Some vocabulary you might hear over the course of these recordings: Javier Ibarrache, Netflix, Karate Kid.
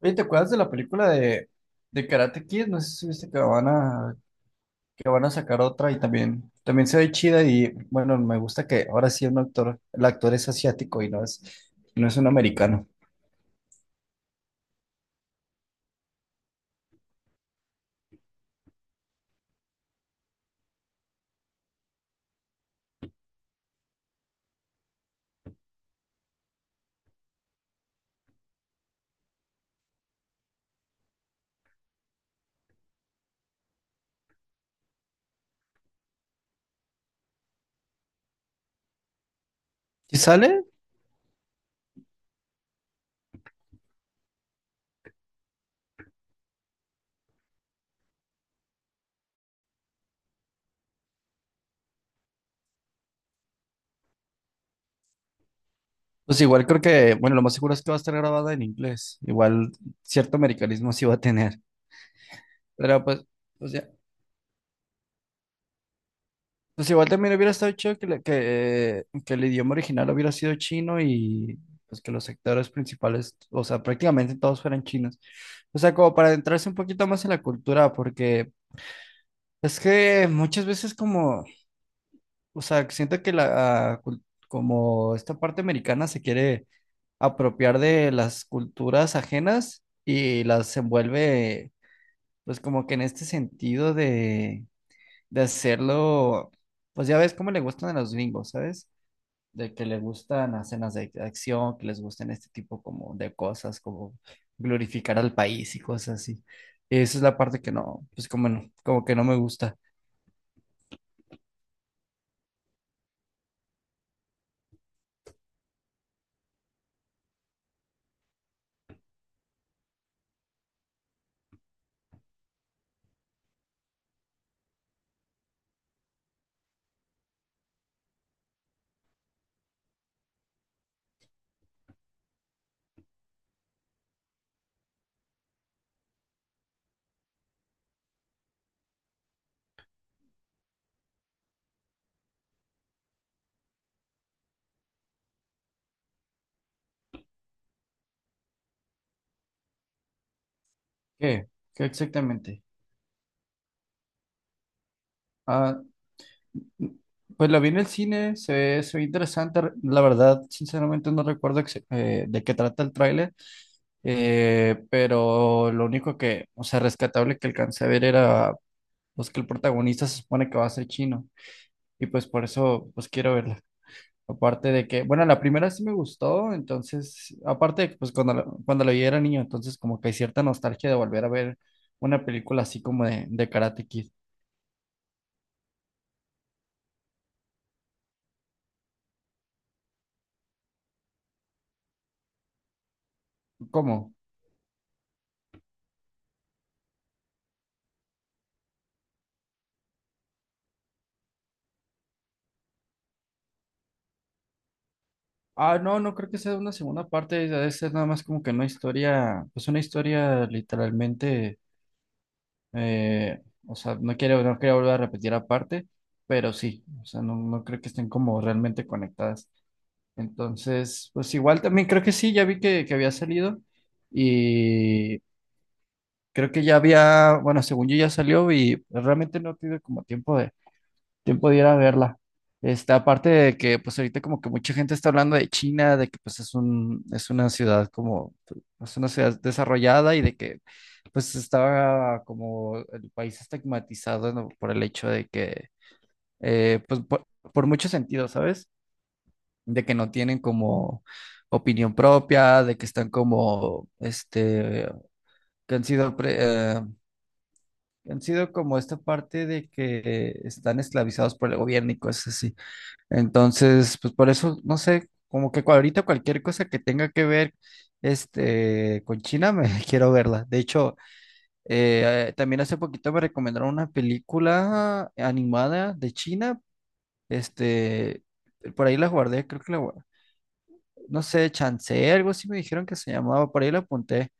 Oye, ¿te acuerdas de la película de Karate Kid? No sé si viste que van a sacar otra y también se ve chida y bueno, me gusta que ahora sí un actor, el actor es asiático y no es un americano. ¿Y sale? Pues igual creo que, bueno, lo más seguro es que va a estar grabada en inglés. Igual cierto americanismo sí va a tener. Pero pues ya. Pues igual también hubiera estado chido que el idioma original hubiera sido chino y pues que los actores principales, o sea, prácticamente todos fueran chinos. O sea, como para adentrarse un poquito más en la cultura, porque es que muchas veces como, o sea, siento que como esta parte americana se quiere apropiar de las culturas ajenas y las envuelve, pues como que en este sentido de hacerlo, pues ya ves cómo le gustan a los gringos, ¿sabes? De que le gustan escenas de acción, que les gusten este tipo como de cosas, como glorificar al país y cosas así. Esa es la parte que no, pues como no, como que no me gusta. ¿Qué? ¿Qué exactamente? Ah, pues la vi en el cine, se ve interesante. La verdad, sinceramente no recuerdo de qué trata el tráiler, pero lo único que, o sea, rescatable que alcancé a ver era, pues que el protagonista se supone que va a ser chino y pues por eso, pues quiero verla. Aparte de que, bueno, la primera sí me gustó, entonces, aparte de que pues cuando la vi era niño, entonces como que hay cierta nostalgia de volver a ver una película así como de Karate Kid. ¿Cómo? Ah, no, no creo que sea una segunda parte, debe ser nada más como que una historia, pues una historia literalmente, eh, o sea, no quiero volver a repetir aparte, pero sí, o sea, no, no creo que estén como realmente conectadas. Entonces, pues igual también creo que sí, ya vi que había salido. Y creo que ya había, bueno, según yo ya salió y realmente no tuve como tiempo de ir a verla. Este, aparte de que pues ahorita como que mucha gente está hablando de China, de que pues es una ciudad desarrollada y de que pues estaba como el país estigmatizado, ¿no? Por el hecho de que, pues por, muchos sentidos, ¿sabes? De que no tienen como opinión propia, de que están como, este, que han sido pre- eh, han sido como esta parte de que están esclavizados por el gobierno y cosas así. Entonces, pues por eso, no sé, como que ahorita cualquier cosa que tenga que ver este, con China, me quiero verla. De hecho, también hace poquito me recomendaron una película animada de China. Este, por ahí la guardé, creo que la guardé. No sé, Chancé, algo así me dijeron que se llamaba, por ahí la apunté.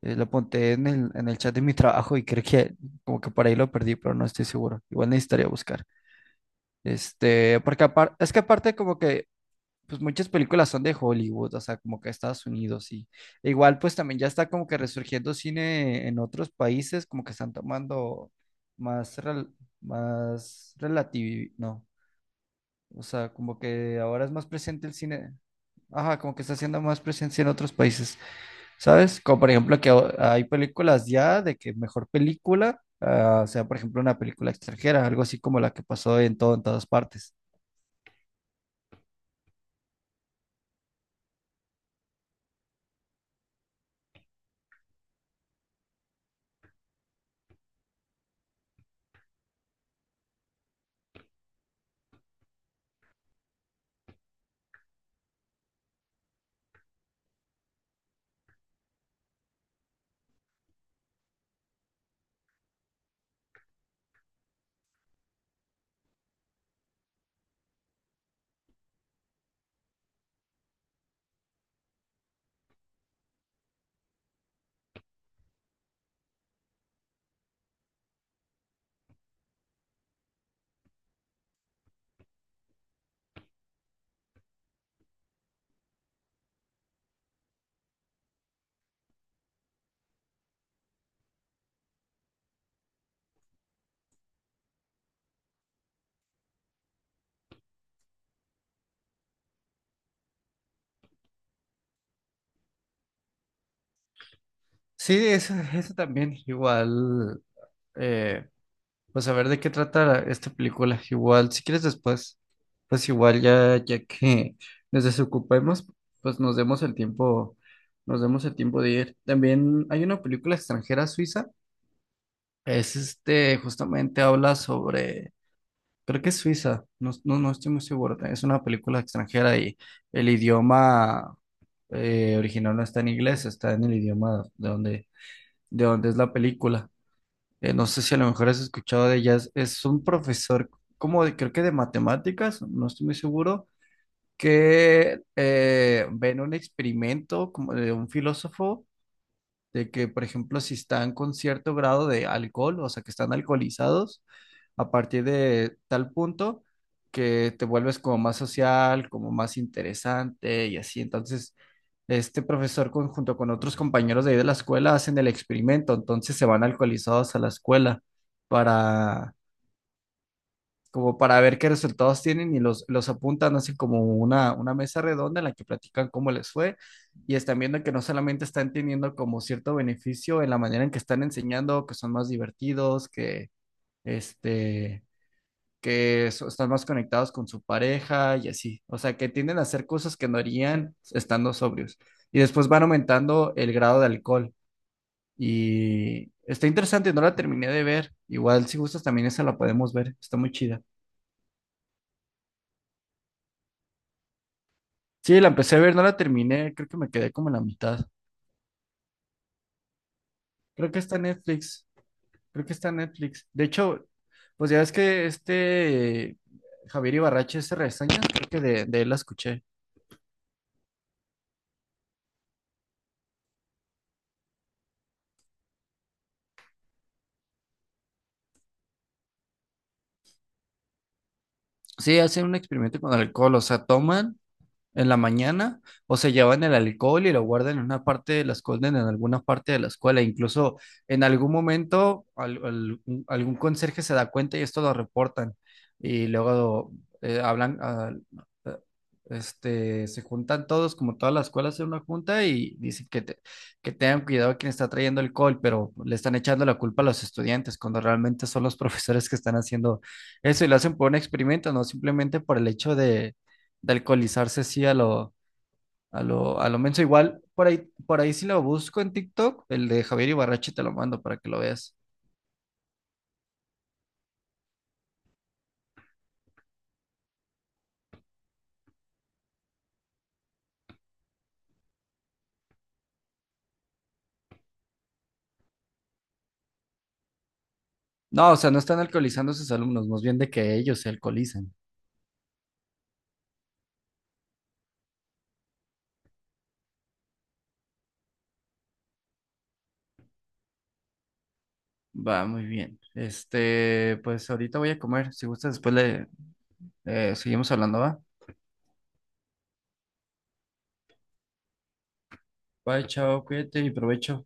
Lo apunté en el chat de mi trabajo y creo que como que por ahí lo perdí, pero no estoy seguro. Igual necesitaría buscar. Este, porque es que aparte como que pues muchas películas son de Hollywood, o sea, como que Estados Unidos y e igual pues también ya está como que resurgiendo cine en otros países, como que están tomando más rel- más relativo, no. O sea, como que ahora es más presente el cine. Ajá, como que está siendo más presencia en otros países. ¿Sabes? Como por ejemplo que hay películas ya de que mejor película, sea por ejemplo una película extranjera, algo así como la que pasó en todas partes. Sí, eso también, igual, eh, pues a ver de qué trata esta película, igual, si quieres después, pues igual ya, ya que nos desocupemos, pues nos demos el tiempo de ir. También hay una película extranjera suiza, es este, justamente habla sobre. Creo que es Suiza, no, no, no estoy muy seguro. Es una película extranjera y el idioma original no está en inglés, está en el idioma de donde es la película. No sé si a lo mejor has escuchado de ella. Es un profesor, como creo que de matemáticas, no estoy muy seguro, que ven un experimento como de un filósofo de que, por ejemplo, si están con cierto grado de alcohol, o sea, que están alcoholizados, a partir de tal punto que te vuelves como más social, como más interesante y así. Entonces, este profesor junto con otros compañeros de ahí de la escuela hacen el experimento, entonces se van alcoholizados a la escuela para como para ver qué resultados tienen y los apuntan, hacen como una mesa redonda en la que platican cómo les fue y están viendo que no solamente están teniendo como cierto beneficio en la manera en que están enseñando, que son más divertidos, que este, están más conectados con su pareja y así, o sea, que tienden a hacer cosas que no harían estando sobrios y después van aumentando el grado de alcohol y está interesante, no la terminé de ver, igual si gustas también esa la podemos ver, está muy chida. Sí, la empecé a ver, no la terminé, creo que me quedé como en la mitad. Creo que está en Netflix, creo que está en Netflix. De hecho, pues ya ves que este Javier Ibarrache hace reseñas, creo que de él la escuché. Sí, hacen un experimento con alcohol, o sea, toman en la mañana o se llevan el alcohol y lo guardan en una parte de la escuela, en alguna parte de la escuela. Incluso en algún momento algún conserje se da cuenta y esto lo reportan y luego eh, hablan, ah, eh, se juntan todos, como toda la escuela hace una junta y dicen que tengan cuidado a quien está trayendo alcohol, pero le están echando la culpa a los estudiantes cuando realmente son los profesores que están haciendo eso y lo hacen por un experimento, no simplemente por el hecho de alcoholizarse así a lo menso. Igual, por ahí si lo busco en TikTok, el de Javier Ibarrachi te lo mando para que lo veas. No, o sea, no están alcoholizando a sus alumnos, más bien de que ellos se alcoholizan. Va, muy bien. Este, pues ahorita voy a comer. Si gustas, después le seguimos hablando, ¿va? Bye, chao, cuídate y provecho.